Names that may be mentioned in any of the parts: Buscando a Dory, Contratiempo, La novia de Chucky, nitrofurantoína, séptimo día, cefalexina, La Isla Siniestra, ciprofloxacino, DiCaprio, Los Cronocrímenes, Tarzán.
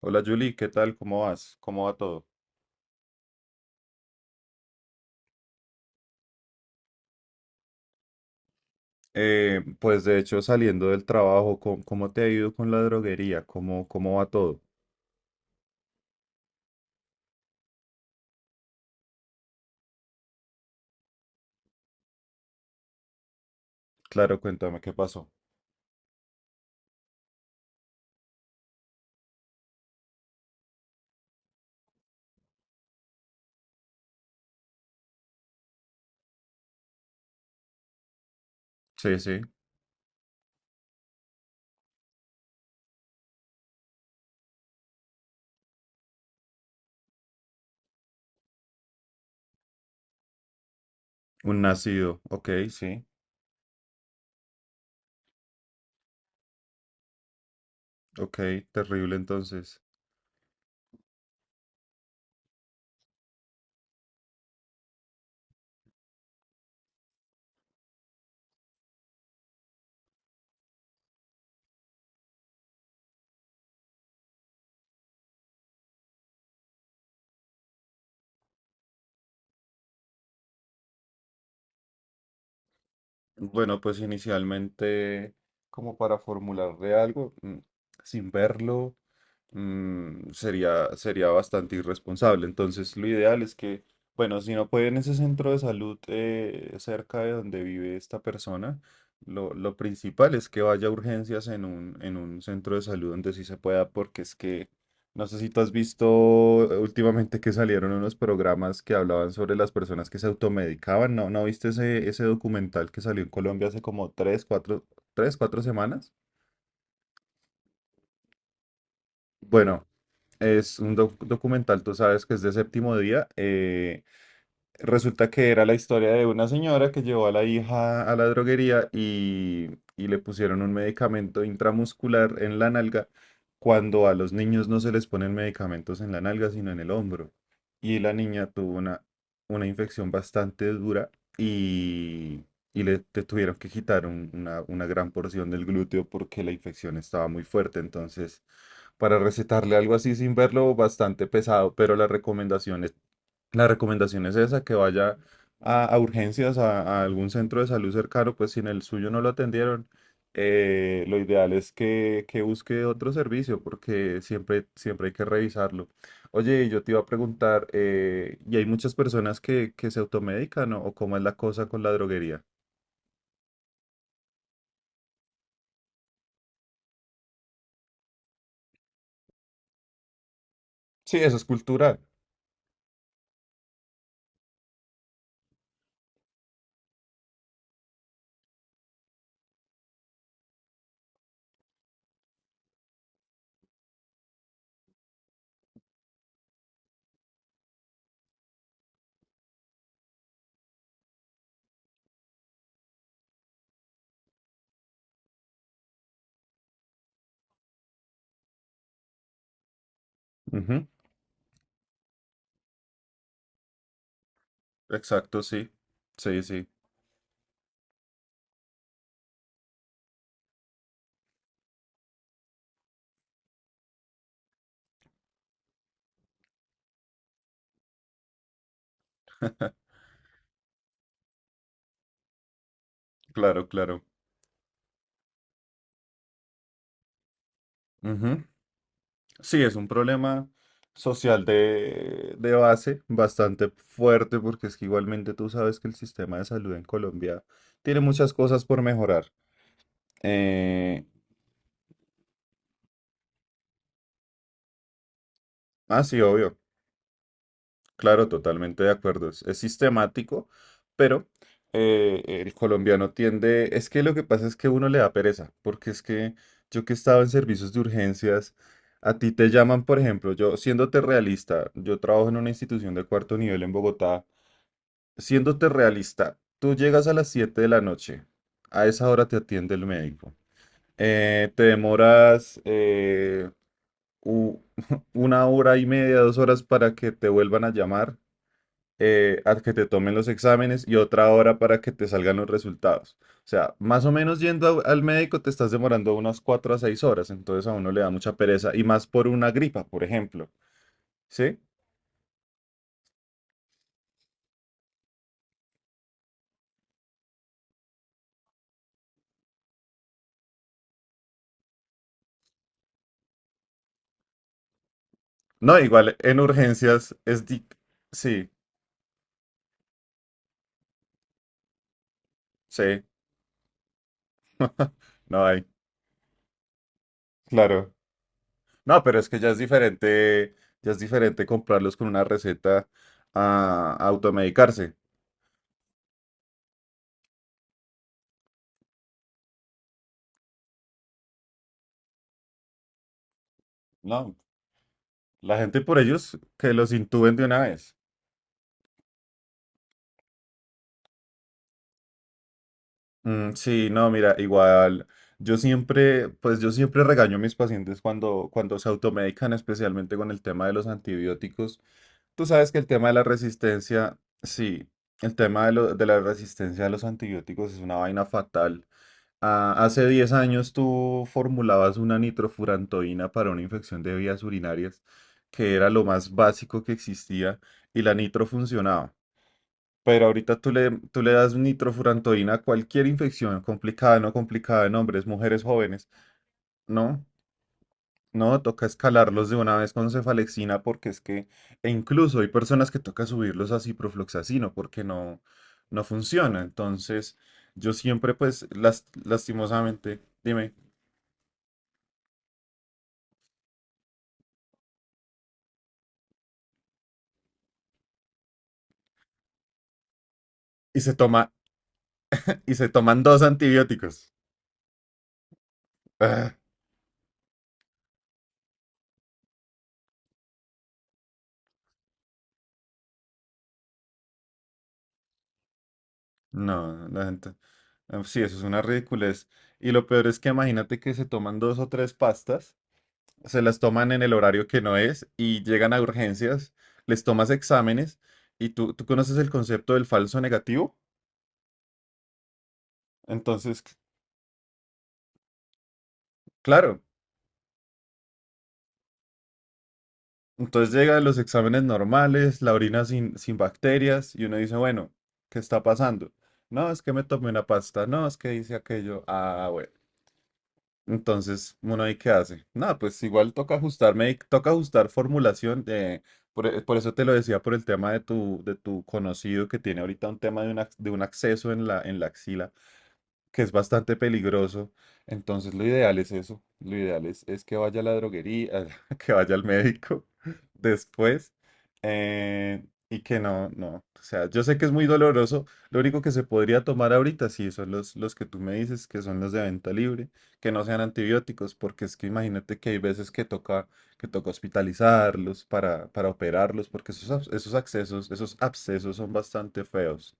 Hola Julie, ¿qué tal? ¿Cómo vas? ¿Cómo va todo? Pues de hecho, saliendo del trabajo, ¿cómo te ha ido con la droguería? ¿Cómo va todo? Claro, cuéntame qué pasó. Sí, sí, un nacido. Ok, sí, ok, terrible entonces. Bueno, pues inicialmente, como para formularle algo, sin verlo. Sería bastante irresponsable. Entonces, lo ideal es que, bueno, si no puede en ese centro de salud, cerca de donde vive esta persona, lo principal es que vaya a urgencias en un centro de salud donde sí se pueda, porque es que no sé si tú has visto últimamente que salieron unos programas que hablaban sobre las personas que se automedicaban. ¿No, no viste ese documental que salió en Colombia hace como tres, cuatro, tres, cuatro semanas? Bueno. Es un documental, tú sabes que es de séptimo día. Resulta que era la historia de una señora que llevó a la hija a la droguería y le pusieron un medicamento intramuscular en la nalga, cuando a los niños no se les ponen medicamentos en la nalga, sino en el hombro. Y la niña tuvo una infección bastante dura y, y te tuvieron que quitar una gran porción del glúteo porque la infección estaba muy fuerte. Entonces, para recetarle algo así sin verlo, bastante pesado, pero la recomendación es esa, que vaya a urgencias, a algún centro de salud cercano, pues si en el suyo no lo atendieron, lo ideal es que busque otro servicio, porque siempre, siempre hay que revisarlo. Oye, yo te iba a preguntar, ¿y hay muchas personas que se automedican, o cómo es la cosa con la droguería? Sí, eso es cultural. Ujú. Exacto, sí. Sí, sí, claro, claro. Ujú. Sí, es un problema social de base bastante fuerte, porque es que igualmente tú sabes que el sistema de salud en Colombia tiene muchas cosas por mejorar. Eh, ah, sí, obvio, claro, totalmente de acuerdo. Es sistemático, pero el colombiano tiende, es que lo que pasa es que uno le da pereza, porque es que yo, que estaba en servicios de urgencias, a ti te llaman, por ejemplo. Yo, siéndote realista, yo trabajo en una institución de cuarto nivel en Bogotá. Siéndote realista, tú llegas a las 7 de la noche, a esa hora te atiende el médico. Te demoras u- una hora y media, 2 horas para que te vuelvan a llamar, a que te tomen los exámenes y otra hora para que te salgan los resultados. O sea, más o menos, yendo al médico te estás demorando unas 4 a 6 horas, entonces a uno le da mucha pereza, y más por una gripa, por ejemplo. ¿Sí? No, igual en urgencias es. Sí, sí, no hay. Claro. No, pero es que ya es diferente comprarlos con una receta a automedicarse. No, la gente por ellos que los intuben de una vez. Sí, no, mira, igual yo siempre, pues yo siempre regaño a mis pacientes cuando se automedican, especialmente con el tema de los antibióticos. Tú sabes que el tema de la resistencia, sí, el tema de la resistencia a los antibióticos es una vaina fatal. Ah, hace 10 años tú formulabas una nitrofurantoína para una infección de vías urinarias, que era lo más básico que existía, y la nitro funcionaba. Pero ahorita tú le das nitrofurantoína a cualquier infección, complicada, no complicada, en hombres, mujeres, jóvenes. No, no, toca escalarlos de una vez con cefalexina, porque es que e incluso hay personas que toca subirlos a ciprofloxacino porque no, no funciona. Entonces, yo siempre, pues, lastimosamente, dime. y se toma, y se toman dos antibióticos. Ah, no, la gente. Sí, eso es una ridiculez. Y lo peor es que imagínate que se toman dos o tres pastas, se las toman en el horario que no es y llegan a urgencias, les tomas exámenes y tú conoces el concepto del falso negativo. Entonces, claro, entonces llegan los exámenes normales, la orina sin bacterias, y uno dice, bueno, ¿qué está pasando? No, es que me tomé una pasta, no, es que hice aquello. Ah, bueno. Entonces, uno ahí qué hace. Nada, pues igual toca ajustar formulación. Por eso te lo decía, por el tema de tu, conocido, que tiene ahorita un tema de un acceso en la axila, que es bastante peligroso. Entonces, lo ideal es eso. Lo ideal es que vaya a la droguería, que vaya al médico después, y que no, no. O sea, yo sé que es muy doloroso. Lo único que se podría tomar ahorita, sí, son los que tú me dices, que son los de venta libre, que no sean antibióticos, porque es que imagínate que hay veces que toca, hospitalizarlos, para operarlos, porque esos abscesos son bastante feos.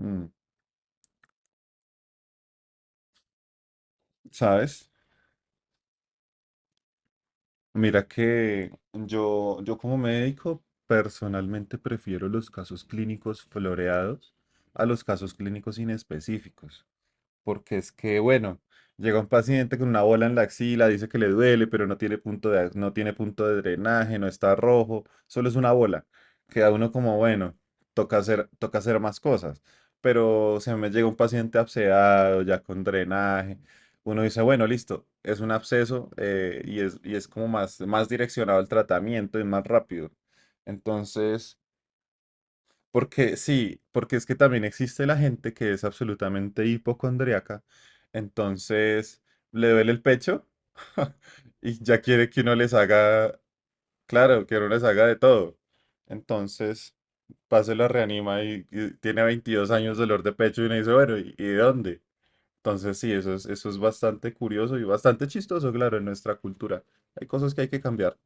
Mm. ¿Sabes? Mira que yo como médico personalmente prefiero los casos clínicos floreados a los casos clínicos inespecíficos. Porque es que, bueno, llega un paciente con una bola en la axila, dice que le duele, pero no tiene punto de drenaje, no está rojo, solo es una bola. Queda uno como, bueno, toca hacer más cosas. Pero se me llega un paciente abscedado, ya con drenaje. Uno dice, bueno, listo, es un absceso, y es como más, más direccionado el tratamiento y más rápido. Entonces, porque sí, porque es que también existe la gente que es absolutamente hipocondriaca. Entonces, le duele el pecho y ya quiere que uno les haga, claro, que uno les haga de todo. Entonces, pase la reanima y tiene 22 años de dolor de pecho y uno dice, bueno, ¿y de dónde? Entonces, sí, eso es bastante curioso y bastante chistoso, claro, en nuestra cultura. Hay cosas que hay que cambiar.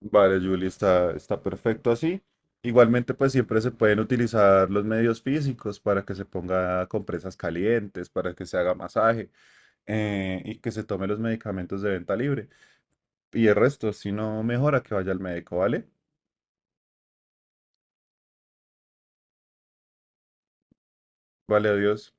Vale, Julie, está perfecto así. Igualmente, pues siempre se pueden utilizar los medios físicos para que se ponga compresas calientes, para que se haga masaje, y que se tome los medicamentos de venta libre. Y el resto, si no mejora, que vaya al médico, ¿vale? Vale, adiós.